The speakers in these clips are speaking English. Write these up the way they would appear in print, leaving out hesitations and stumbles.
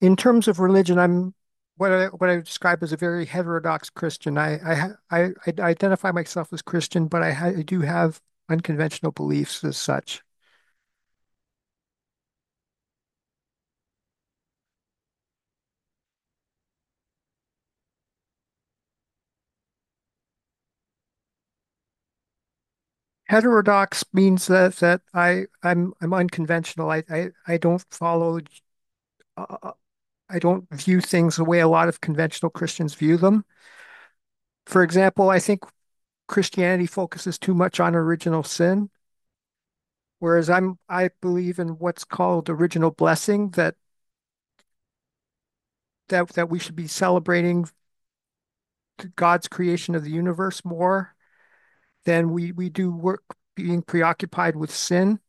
In terms of religion, I'm what I would describe as a very heterodox Christian. I identify myself as Christian, but I do have unconventional beliefs as such. Heterodox means that I'm unconventional. I don't follow. Uh, uh, I don't view things the way a lot of conventional Christians view them. For example, I think Christianity focuses too much on original sin, whereas I believe in what's called original blessing, that we should be celebrating God's creation of the universe more than we do work being preoccupied with sin.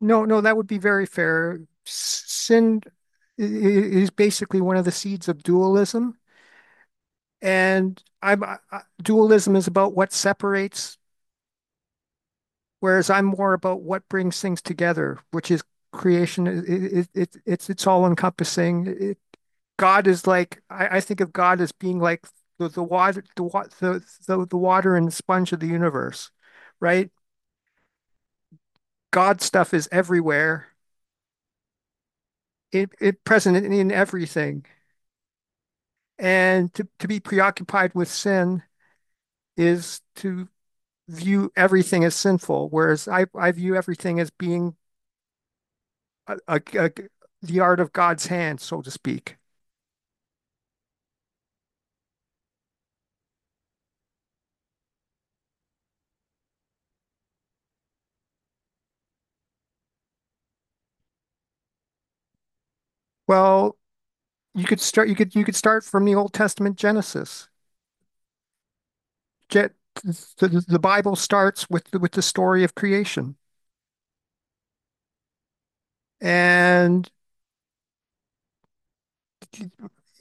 No, no, that would be very fair. Sin is basically one of the seeds of dualism, and dualism is about what separates. Whereas I'm more about what brings things together, which is creation. It's all encompassing. God is like, I think of God as being like the water and the sponge of the universe, right? God stuff is everywhere. It present in everything, and to be preoccupied with sin is to view everything as sinful, whereas I view everything as being a, a, a, the art of God's hand, so to speak. Well, you could start from the Old Testament Genesis. Get The Bible starts with the story of creation. And e-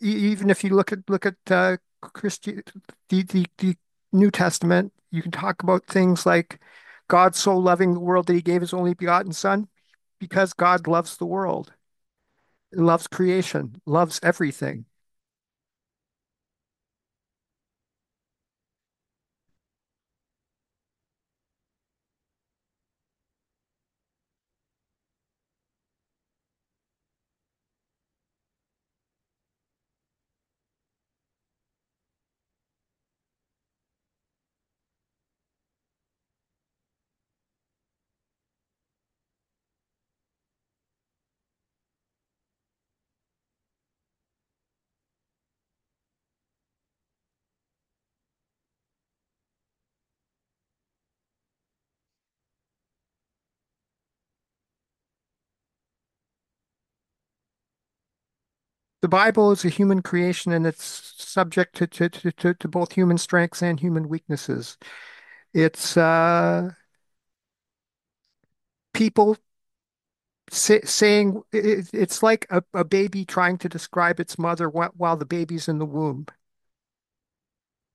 even if you look at Christi the New Testament, you can talk about things like God so loving the world that he gave his only begotten son, because God loves the world, loves creation, loves everything. The Bible is a human creation and it's subject to both human strengths and human weaknesses. It's people saying it, it's like a baby trying to describe its mother while the baby's in the womb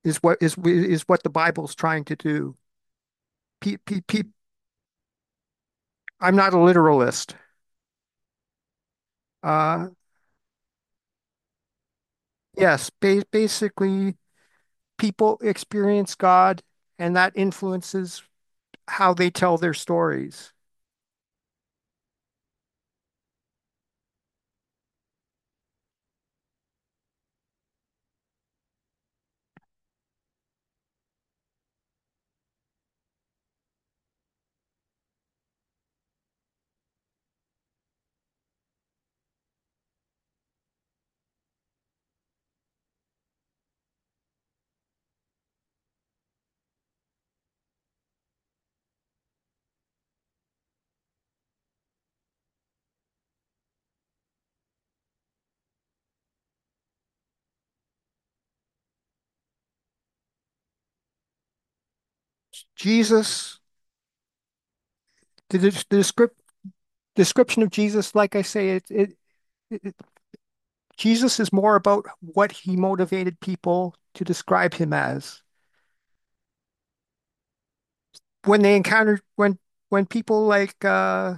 is what the Bible's trying to do. Pe, pe, pe, I'm not a literalist. Uh, yes, ba basically, people experience God, and that influences how they tell their stories. Jesus, the descrip- description of Jesus, like I say, it Jesus is more about what he motivated people to describe him as. When they encountered, when when people like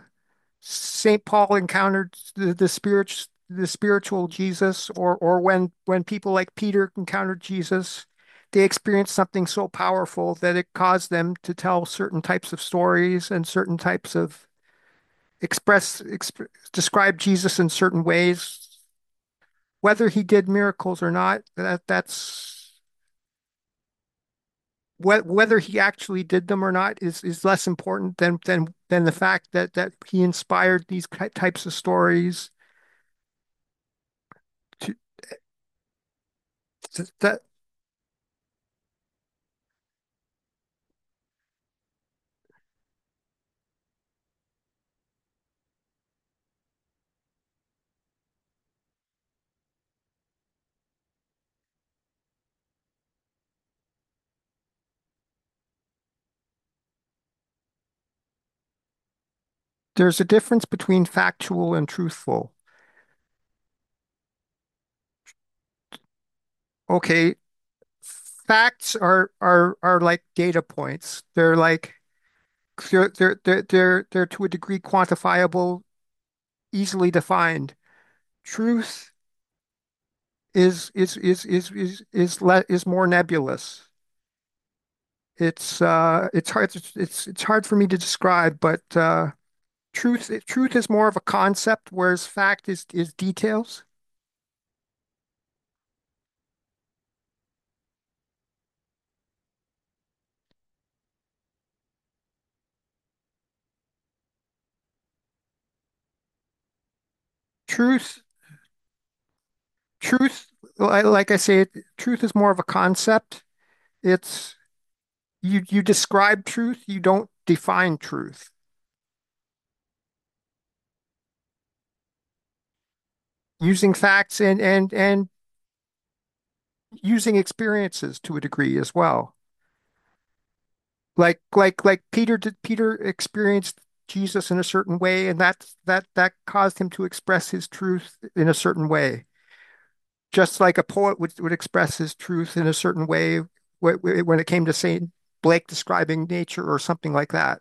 Saint Paul encountered the spirit, the spiritual Jesus, or when people like Peter encountered Jesus, they experienced something so powerful that it caused them to tell certain types of stories and certain types of express exp describe Jesus in certain ways. Whether he did miracles or not, whether he actually did them or not is is less important than the fact that he inspired these types of stories. To, that There's a difference between factual and truthful. Okay, facts are are like data points. They're like they're to a degree quantifiable, easily defined. Truth is more nebulous. It's hard. It's hard for me to describe, but truth is more of a concept, whereas fact is details. Truth truth, like I say, truth is more of a concept. It's you describe truth, you don't define truth. Using facts and using experiences to a degree as well. Like like Peter did. Peter experienced Jesus in a certain way, and that caused him to express his truth in a certain way, just like a poet would express his truth in a certain way when it came to Saint Blake describing nature or something like that.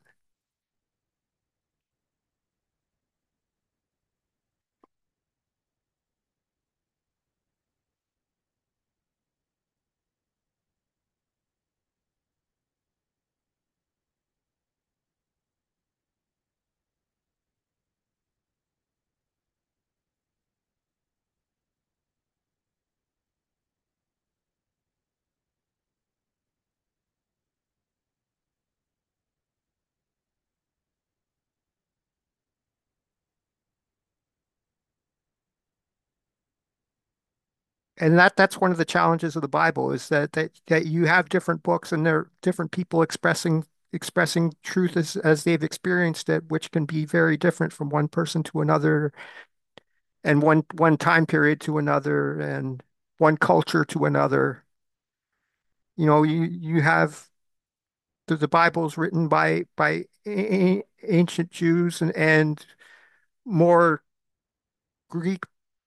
And that's one of the challenges of the Bible, is that that you have different books and there are different people expressing truth as they've experienced it, which can be very different from one person to another and one time period to another and one culture to another. You know, you have the Bible's written by a- ancient Jews and more Greek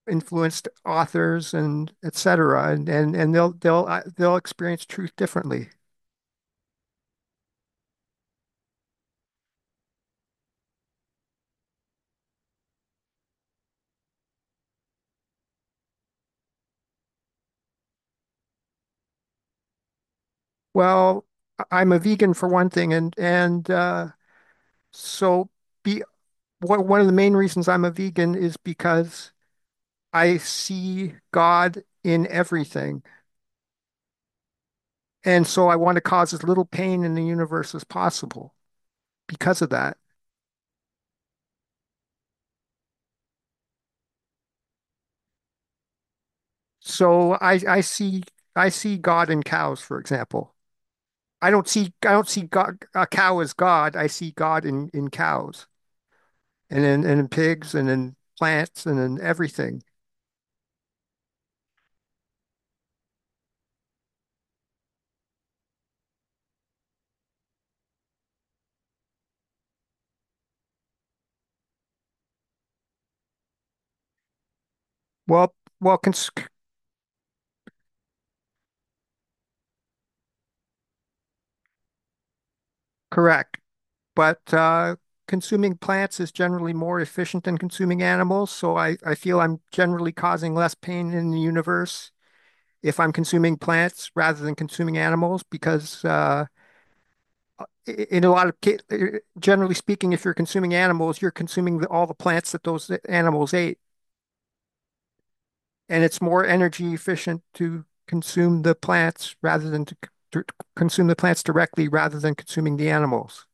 influenced authors and et cetera, and and, they'll they'll experience truth differently. Well, am a vegan, for one thing, and so be one of the main reasons I'm a vegan is because I see God in everything, and so I want to cause as little pain in the universe as possible because of that. So I see God in cows, for example. I don't see God, a cow as God. I see God in cows and in pigs and in plants and in everything. Well, well, cons Correct, but consuming plants is generally more efficient than consuming animals. So I feel I'm generally causing less pain in the universe if I'm consuming plants rather than consuming animals, because in a lot of ca- generally speaking, if you're consuming animals, you're consuming all the plants that those animals ate. And it's more energy efficient to consume the plants rather than to consume the plants directly rather than consuming the animals.